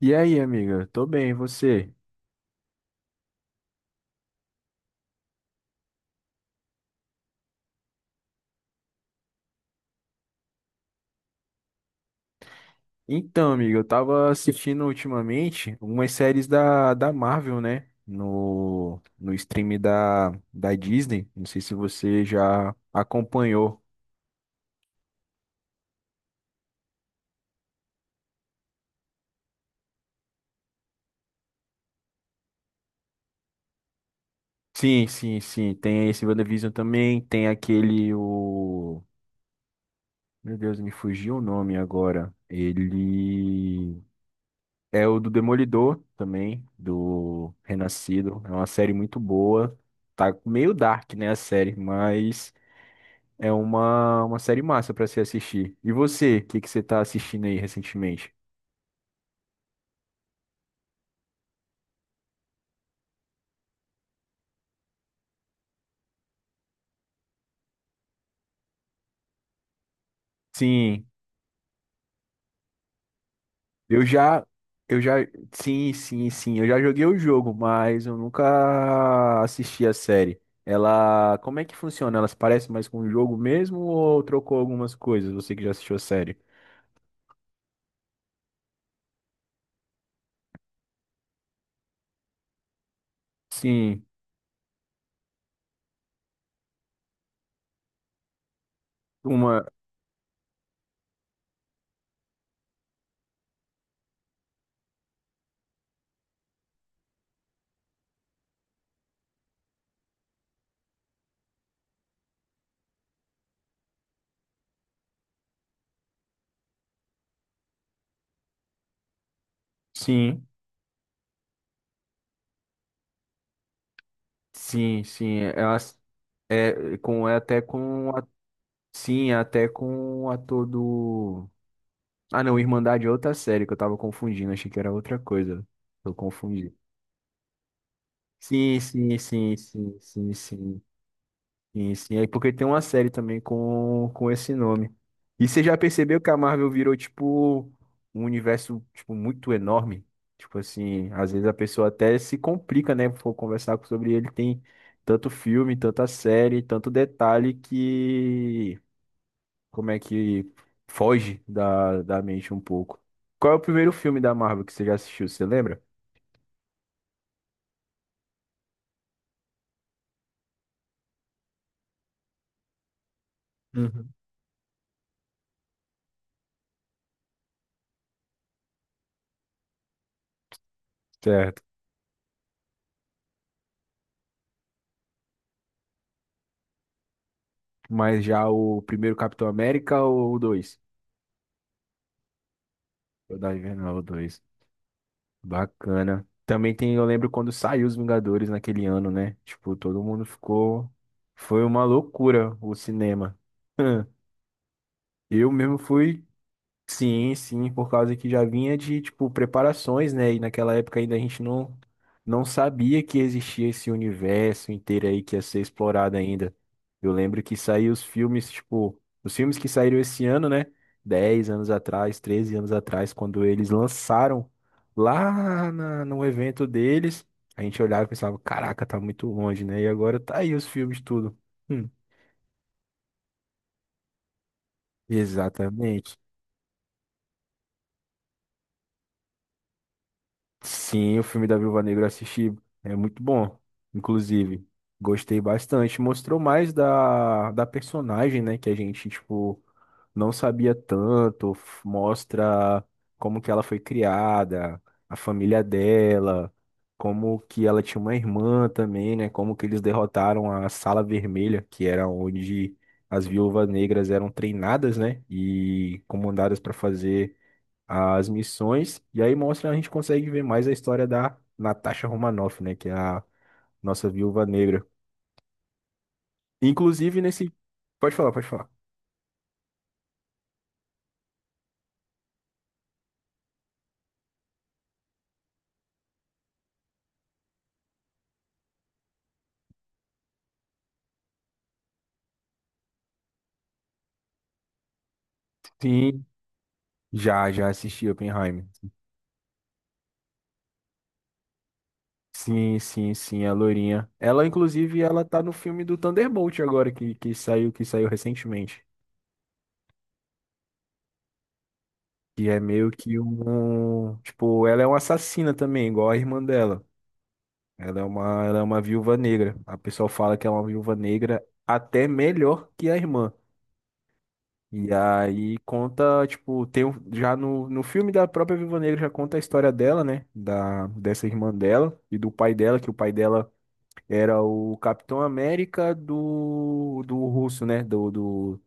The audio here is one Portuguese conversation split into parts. E aí, amiga? Tô bem, e você? Então, amiga, eu tava assistindo ultimamente umas séries da Marvel, né? No stream da Disney. Não sei se você já acompanhou. Sim, sim, sim. Tem esse WandaVision também. Tem aquele, o... Meu Deus, me fugiu o nome agora. Ele é o do Demolidor também, do Renascido. É uma série muito boa. Tá meio dark, né, a série, mas... É uma série massa pra se assistir. E você, o que que você tá assistindo aí recentemente? Sim, eu já, eu já, sim, sim, sim, eu já joguei o jogo, mas eu nunca assisti a série. Ela, como é que funciona? Elas parecem mais com o jogo mesmo ou trocou algumas coisas? Você que já assistiu a série? Sim, uma, sim, sim, sim, Elas é com é até com a- sim, é até com o ator do. Ah, não, Irmandade é outra série que eu tava confundindo, achei que era outra coisa. Eu confundi. Sim, sim, sim, sim, sim, sim, sim, sim. É porque tem uma série também com esse nome. E você já percebeu que a Marvel virou, tipo, um universo, tipo, muito enorme? Tipo assim, às vezes a pessoa até se complica, né? For conversar sobre ele, tem tanto filme, tanta série, tanto detalhe que como é que foge da mente um pouco. Qual é o primeiro filme da Marvel que você já assistiu? Você lembra? Uhum. Certo. Mas já o primeiro Capitão América ou o 2? O da Invernal, dois. Bacana. Também tem, eu lembro quando saiu os Vingadores naquele ano, né? Tipo, todo mundo ficou. Foi uma loucura o cinema. Eu mesmo fui. Sim, sim, por causa que já vinha de, tipo, preparações, né? E naquela época ainda a gente não, não sabia que existia esse universo inteiro aí que ia ser explorado ainda. Eu lembro que saíram os filmes, tipo, os filmes que saíram esse ano, né? 10 anos atrás, 13 anos atrás, quando eles lançaram lá no evento deles, a gente olhava e pensava, caraca, tá muito longe, né? E agora tá aí os filmes tudo. Hum, exatamente. Sim, o filme da Viúva Negra eu assisti. É muito bom, inclusive. Gostei bastante. Mostrou mais da personagem, né? Que a gente, tipo, não sabia tanto. Mostra como que ela foi criada, a família dela, como que ela tinha uma irmã também, né? Como que eles derrotaram a Sala Vermelha, que era onde as viúvas negras eram treinadas, né? E comandadas para fazer as missões, e aí mostra, a gente consegue ver mais a história da Natasha Romanoff, né, que é a nossa viúva negra. Inclusive nesse... Pode falar, pode falar. Sim, já assisti Oppenheimer. Sim, sim, sim, a loirinha. Ela, inclusive, ela tá no filme do Thunderbolt agora, que saiu recentemente. Que é meio que um... Tipo, ela é uma assassina também, igual a irmã dela. Ela é uma viúva negra. A pessoa fala que é uma viúva negra até melhor que a irmã. E aí conta, tipo, já no filme da própria Viúva Negra já conta a história dela, né? Dessa irmã dela e do pai dela, que o pai dela era o Capitão América do russo, né? Do, do,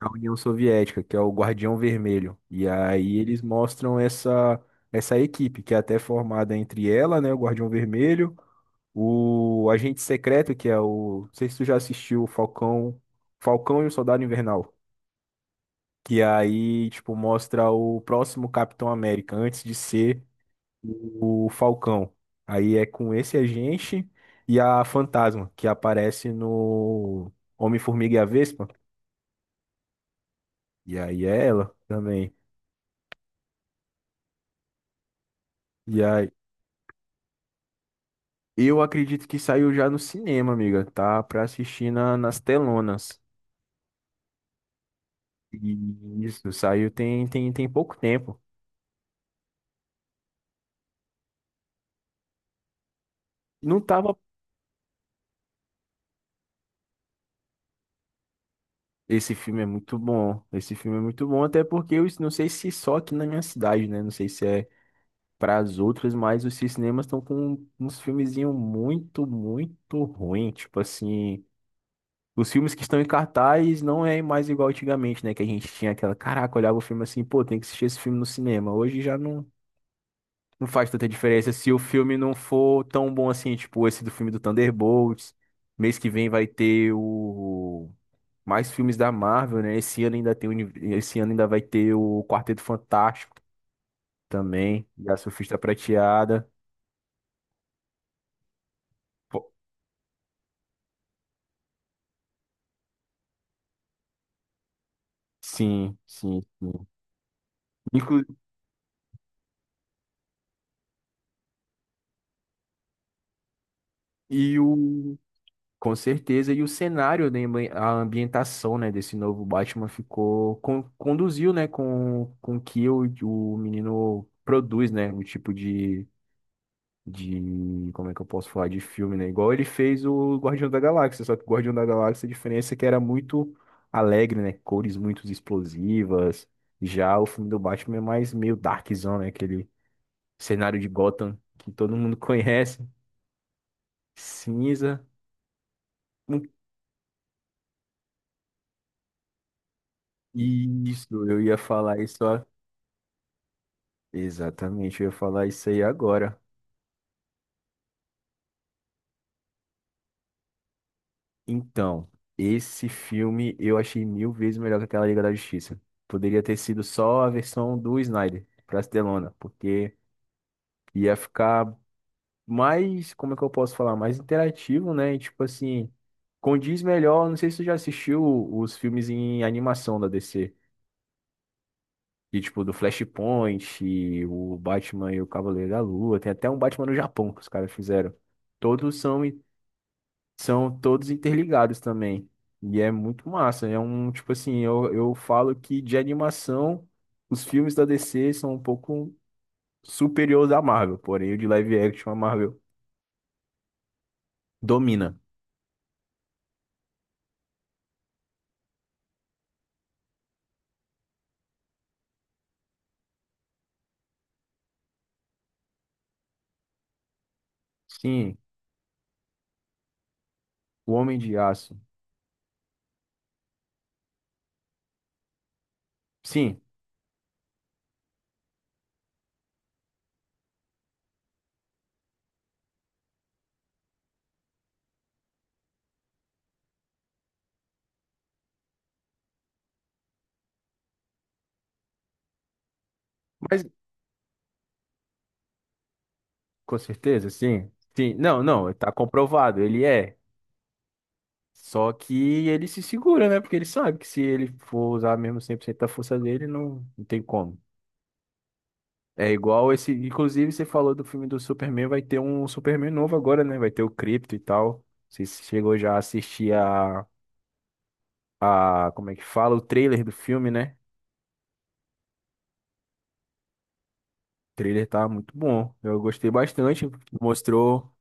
da União Soviética, que é o Guardião Vermelho. E aí eles mostram essa equipe, que é até formada entre ela, né? O Guardião Vermelho, o Agente Secreto, que é o. Não sei se tu já assistiu o Falcão e o Soldado Invernal. Que aí, tipo, mostra o próximo Capitão América, antes de ser o Falcão. Aí é com esse agente e a Fantasma, que aparece no Homem-Formiga e a Vespa. E aí é ela também. E aí, eu acredito que saiu já no cinema, amiga, tá? Pra assistir nas telonas. E isso, saiu tem pouco tempo. Não tava. Esse filme é muito bom. Esse filme é muito bom, até porque eu não sei se só aqui na minha cidade, né? Não sei se é para as outras, mas os cinemas estão com uns filmezinhos muito, muito ruim. Tipo assim, os filmes que estão em cartaz não é mais igual antigamente, né? Que a gente tinha aquela, caraca, olhava o filme assim, pô, tem que assistir esse filme no cinema. Hoje já não, não faz tanta diferença se o filme não for tão bom assim, tipo esse do filme do Thunderbolts. Mês que vem vai ter o mais filmes da Marvel, né? Esse ano ainda vai ter o Quarteto Fantástico também, e a Surfista Prateada. Sim, sim, sim. Inclu- e o, com certeza, e o cenário, né, a ambientação, né, desse novo Batman ficou, conduziu, né, com que o menino produz, né, o tipo de, como é que eu posso falar, de filme, né, igual ele fez o Guardião da Galáxia, só que o Guardião da Galáxia, a diferença é que era muito alegre, né, cores muito explosivas, já o filme do Batman é mais meio darkzão, né, aquele cenário de Gotham que todo mundo conhece, cinza. Um- Isso, eu ia falar isso. Ó. Exatamente, eu ia falar isso aí agora. Então, esse filme eu achei mil vezes melhor que aquela Liga da Justiça. Poderia ter sido só a versão do Snyder pra Delona, porque ia ficar mais, como é que eu posso falar, mais interativo, né? E, tipo assim, condiz melhor. Não sei se tu já assistiu os filmes em animação da DC. E, tipo, do Flashpoint, e o Batman e o Cavaleiro da Lua. Tem até um Batman no Japão que os caras fizeram. Todos são, in- São todos interligados também. E é muito massa. É um, tipo assim, eu falo que de animação, os filmes da DC são um pouco superiores à Marvel. Porém, o de live action, a Marvel domina. Sim, o Homem de Aço. Sim, mas com certeza, sim. Sim, não, não, tá comprovado. Ele é. Só que ele se segura, né? Porque ele sabe que se ele for usar mesmo 100% da força dele, não, não tem como. É igual esse. Inclusive, você falou do filme do Superman, vai ter um Superman novo agora, né? Vai ter o Krypto e tal. Você chegou já a assistir a. Como é que fala? O trailer do filme, né? O trailer tá muito bom. Eu gostei bastante. Mostrou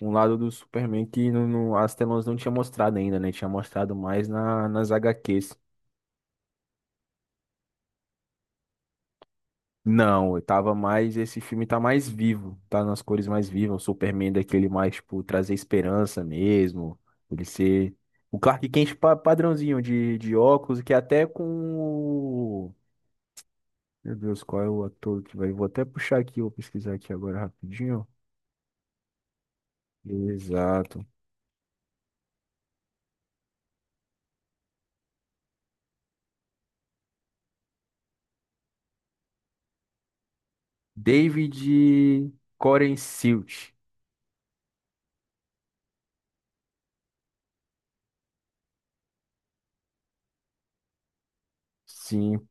um lado do Superman que as telas não tinha mostrado ainda, né? Tinha mostrado mais nas HQs. Não, eu tava mais. Esse filme tá mais vivo, tá nas cores mais vivas. O Superman é daquele mais, tipo, trazer esperança mesmo. Ele ser. O Clark Kent padrãozinho de óculos, que até com. o- Meu Deus, qual é o ator que vai. Vou até puxar aqui, vou pesquisar aqui agora rapidinho. Exato. David Copperfield. Sim,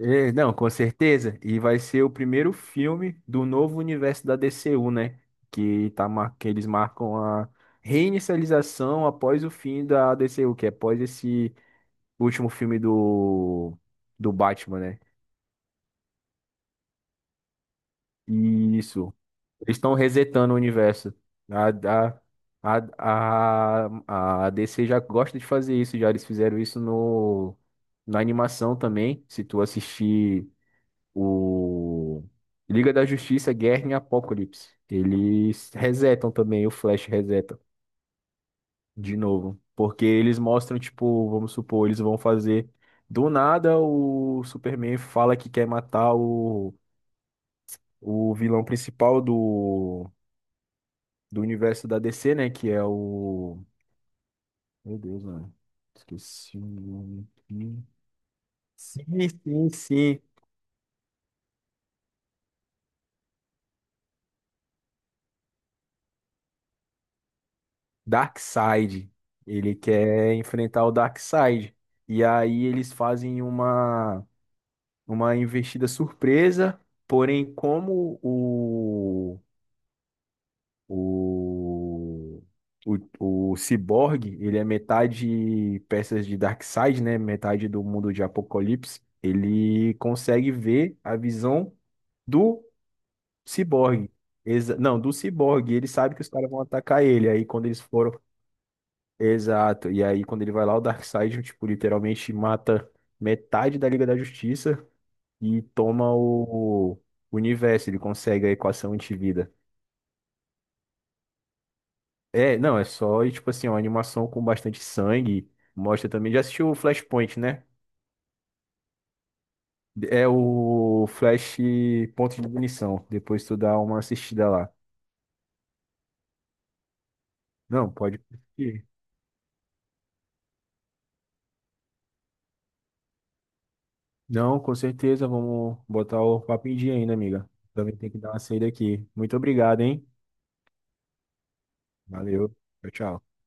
é, não, com certeza. E vai ser o primeiro filme do novo universo da DCU, né? Que, tá, que eles marcam a reinicialização após o fim da DCU, que é após esse último filme do Batman, né? E isso. Eles estão resetando o universo. A, a, a, a DC já gosta de fazer isso, já eles fizeram isso na animação também. Se tu assistir. O Liga da Justiça, Guerra em Apocalipse. Eles resetam também, o Flash reseta de novo. Porque eles mostram, tipo, vamos supor, eles vão fazer. Do nada, o Superman fala que quer matar o vilão principal do universo da DC, né? Que é o. Meu Deus, mano. Esqueci o nome. Aqui. Sim, sim, sim. Darkseid. Ele quer enfrentar o Darkseid. E aí eles fazem uma investida surpresa, porém, como o, o Cyborg, ele é metade peças de Darkseid, né? Metade do mundo de Apocalipse. Ele consegue ver a visão do Cyborg. Não, do Cyborg. Ele sabe que os caras vão atacar ele. Aí quando eles foram. Exato. E aí, quando ele vai lá, o Darkseid, tipo, literalmente mata metade da Liga da Justiça e toma o universo. Ele consegue a equação antivida. É, não, é só, e, tipo assim, uma animação com bastante sangue. Mostra também. Já assistiu o Flashpoint, né? É o Flash Ponto de Ignição. Depois tu dá uma assistida lá. Não, pode assistir. Não, com certeza. Vamos botar o papo em dia ainda, amiga. Também tem que dar uma saída aqui. Muito obrigado, hein? Valeu. Tchau, tchau.